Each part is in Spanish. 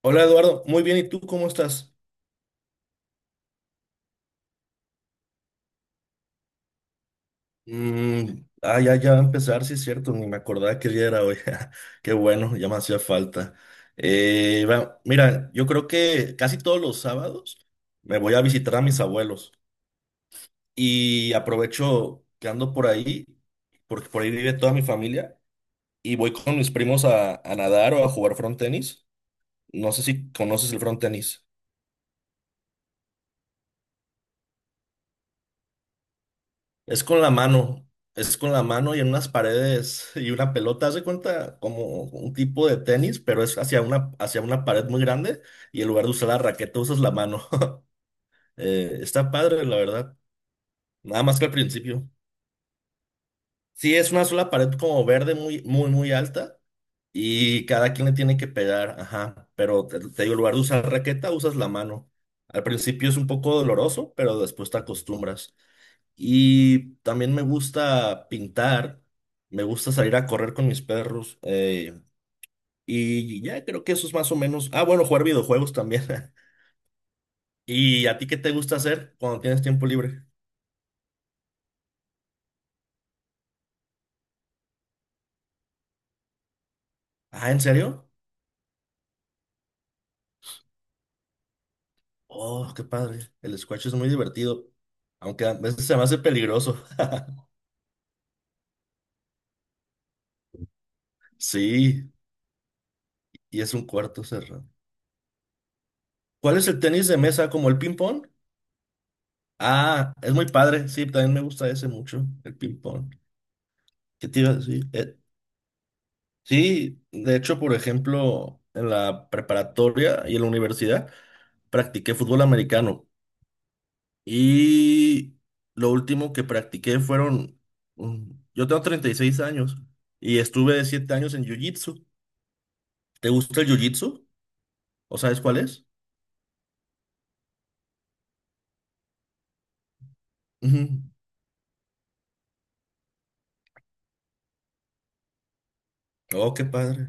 Hola Eduardo, muy bien, ¿y tú cómo estás? Mm, ah, ya, ya va a empezar, sí es cierto, ni me acordaba que día era hoy. Qué bueno, ya me hacía falta. Va, mira, yo creo que casi todos los sábados me voy a visitar a mis abuelos y aprovecho que ando por ahí, porque por ahí vive toda mi familia, y voy con mis primos a nadar o a jugar frontenis. No sé si conoces el frontenis. Es con la mano, es con la mano y en unas paredes y una pelota, haz de cuenta como un tipo de tenis, pero es hacia una pared muy grande y en lugar de usar la raqueta usas la mano. Está padre, la verdad. Nada más que al principio. Sí, es una sola pared como verde muy, muy, muy alta y cada quien le tiene que pegar, ajá. Pero te digo, en lugar de usar raqueta usas la mano. Al principio es un poco doloroso, pero después te acostumbras. Y también me gusta pintar, me gusta salir a correr con mis perros. Y ya creo que eso es más o menos. Ah, bueno, jugar videojuegos también. ¿Y a ti qué te gusta hacer cuando tienes tiempo libre? Ah, ¿en serio? Oh, qué padre. El squash es muy divertido, aunque a veces se me hace peligroso. Sí, y es un cuarto cerrado. ¿Cuál es el tenis de mesa como el ping-pong? Ah, es muy padre. Sí, también me gusta ese mucho, el ping-pong. ¿Qué te iba a decir? Sí, de hecho, por ejemplo, en la preparatoria y en la universidad practiqué fútbol americano y lo último que practiqué fueron. Yo tengo 36 años y estuve 7 años en jiu-jitsu. ¿Te gusta el jiu-jitsu? ¿O sabes cuál es? Ujú. Oh, qué padre.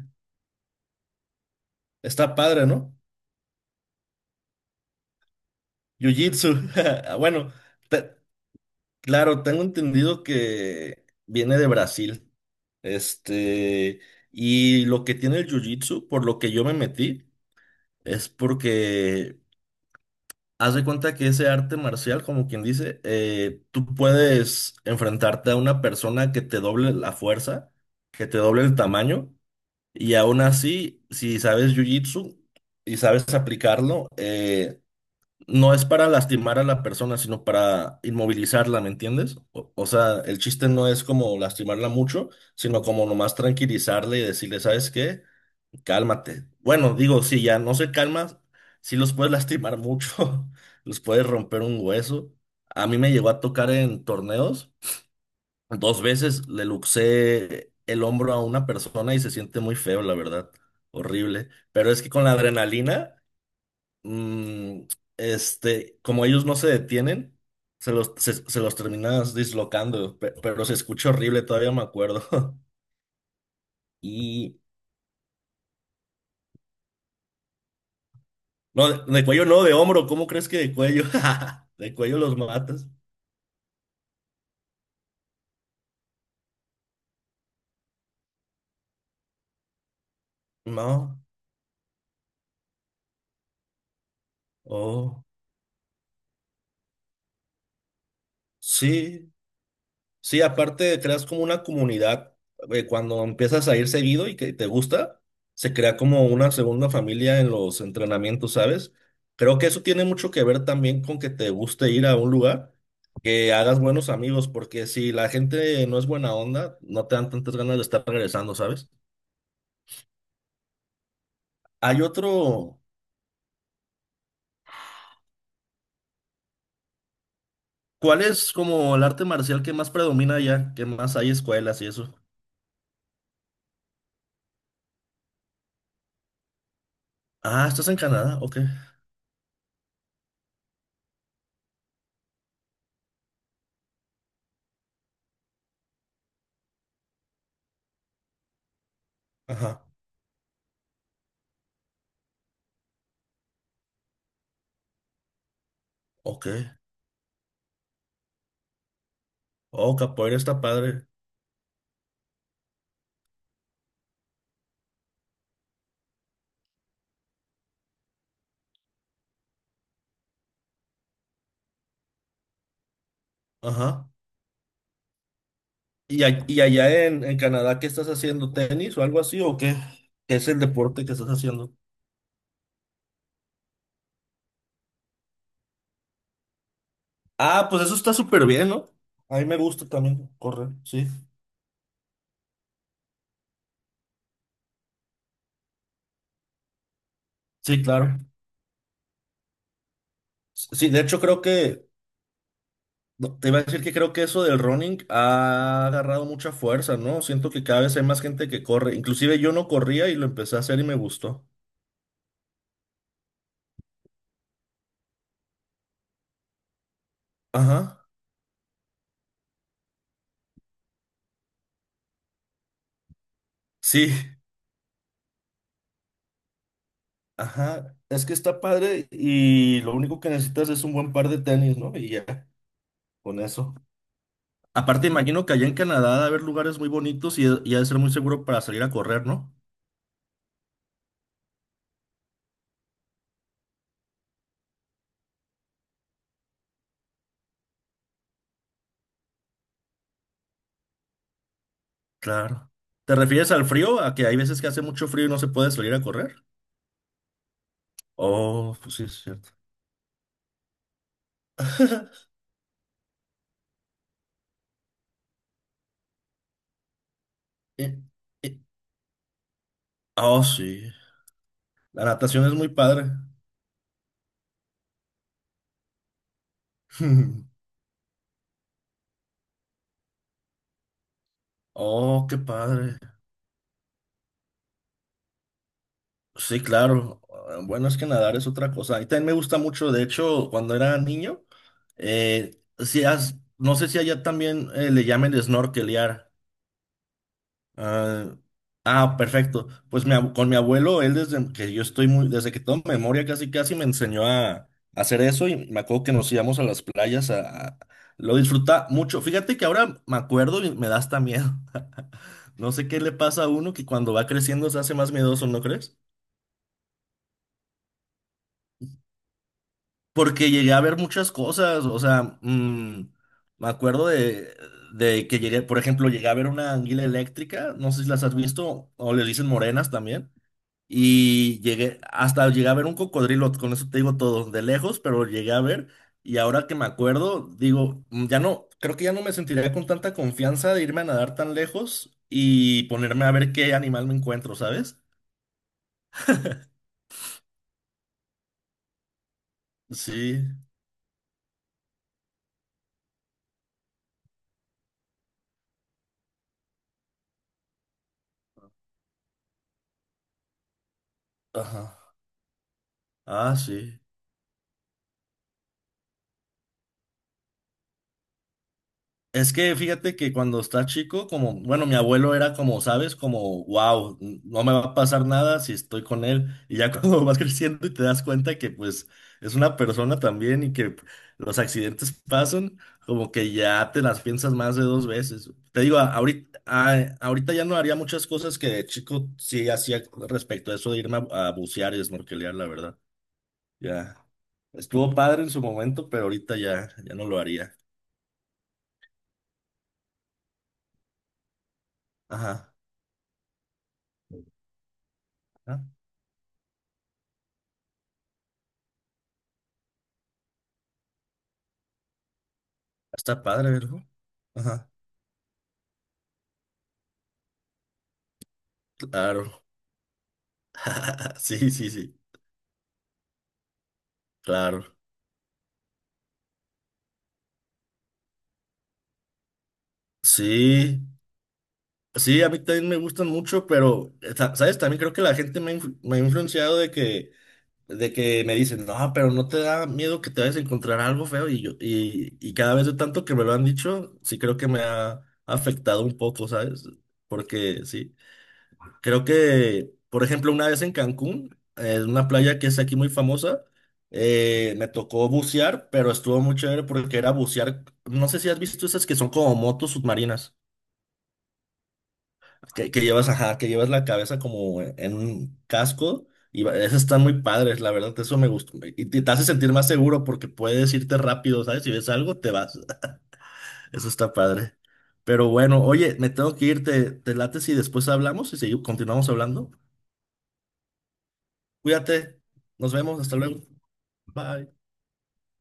Está padre, ¿no? Jiu-jitsu. Bueno, te- claro, tengo entendido que viene de Brasil. Este, y lo que tiene el jiu-jitsu, por lo que yo me metí, es porque haz de cuenta que ese arte marcial, como quien dice, tú puedes enfrentarte a una persona que te doble la fuerza, que te doble el tamaño, y aún así, si sabes jiu-jitsu y sabes aplicarlo, no es para lastimar a la persona, sino para inmovilizarla, ¿me entiendes? O sea, el chiste no es como lastimarla mucho, sino como nomás tranquilizarle y decirle, ¿sabes qué? Cálmate. Bueno, digo, si ya no se calma, sí los puedes lastimar mucho, los puedes romper un hueso. A mí me llegó a tocar en torneos, dos veces le luxé el hombro a una persona y se siente muy feo, la verdad, horrible. Pero es que con la adrenalina mm, este, como ellos no se detienen, se los terminas dislocando, pero se escucha horrible, todavía me acuerdo. Y, no, de cuello no, de hombro, ¿cómo crees que de cuello? De cuello los matas. No, oh, sí. Sí, aparte creas como una comunidad, cuando empiezas a ir seguido y que te gusta, se crea como una segunda familia en los entrenamientos, ¿sabes? Creo que eso tiene mucho que ver también con que te guste ir a un lugar, que hagas buenos amigos, porque si la gente no es buena onda, no te dan tantas ganas de estar regresando, ¿sabes? Hay otro, ¿cuál es como el arte marcial que más predomina allá? ¿Qué más hay escuelas y eso? Ah, estás en Canadá, ok. Ajá, ok. Oh, capoeira está padre. Ajá. Y allá en Canadá, ¿qué estás haciendo? ¿Tenis o algo así? ¿O qué? ¿Qué es el deporte que estás haciendo? Ah, pues eso está súper bien, ¿no? A mí me gusta también correr, sí. Sí, claro. Sí, de hecho creo que, no, te iba a decir que creo que eso del running ha agarrado mucha fuerza, ¿no? Siento que cada vez hay más gente que corre. Inclusive yo no corría y lo empecé a hacer y me gustó. Ajá, sí, ajá. Es que está padre y lo único que necesitas es un buen par de tenis, ¿no? Y ya, con eso. Aparte, imagino que allá en Canadá debe haber lugares muy bonitos y ha de ser muy seguro para salir a correr, ¿no? Claro. ¿Te refieres al frío? ¿A que hay veces que hace mucho frío y no se puede salir a correr? Oh, pues sí, es cierto. Eh, eh, Oh, sí. La natación es muy padre. Oh, qué padre. Sí, claro. Ah, bueno, es que nadar es otra cosa. Y también me gusta mucho, de hecho, cuando era niño, si no sé si allá también le llamen snorkelear. Ah, ah, perfecto. Pues con mi abuelo, él desde que yo estoy muy, desde que tengo memoria casi casi me enseñó a hacer eso y me acuerdo que nos íbamos a las playas lo disfruta mucho. Fíjate que ahora me acuerdo y me da hasta miedo. No sé qué le pasa a uno que cuando va creciendo se hace más miedoso, ¿no crees? Porque llegué a ver muchas cosas, o sea, me acuerdo de que llegué, por ejemplo, llegué a ver una anguila eléctrica, no sé si las has visto, o les dicen morenas también. Y llegué, hasta llegué a ver un cocodrilo, con eso te digo todo, de lejos, pero llegué a ver. Y ahora que me acuerdo, digo, "Mm, ya no, creo que ya no me sentiría con tanta confianza de irme a nadar tan lejos y ponerme a ver qué animal me encuentro, ¿sabes? Sí, ajá, ah, sí. Es que fíjate que cuando está chico, como, bueno, mi abuelo era como, ¿sabes? Como, wow, no me va a pasar nada si estoy con él. Y ya cuando vas creciendo y te das cuenta que pues es una persona también y que los accidentes pasan, como que ya te las piensas más de dos veces. Te digo, ahorita ya no haría muchas cosas que de chico sí hacía respecto a eso de irme a bucear y snorkelear, la verdad. Ya estuvo padre en su momento, pero ahorita ya, ya no lo haría. Ajá. Está padre, ¿verdad? Ajá, claro. Sí, sí, sí, claro. Sí, sí, a mí también me gustan mucho, pero, ¿sabes? También creo que la gente me ha influenciado de que, me dicen, no, pero no te da miedo que te vayas a encontrar algo feo y yo, y cada vez de tanto que me lo han dicho, sí creo que me ha afectado un poco, ¿sabes? Porque sí. Creo que, por ejemplo, una vez en Cancún, en una playa que es aquí muy famosa, me tocó bucear, pero estuvo muy chévere porque era bucear. No sé si has visto esas que son como motos submarinas, que llevas, ajá, que llevas la cabeza como en un casco. Y esas están muy padres, la verdad, eso me gustó. Y te hace sentir más seguro porque puedes irte rápido, ¿sabes? Si ves algo, te vas. Eso está padre. Pero bueno, oye, me tengo que ir, te late si después hablamos y seguimos, continuamos hablando. Cuídate, nos vemos, hasta luego. Bye.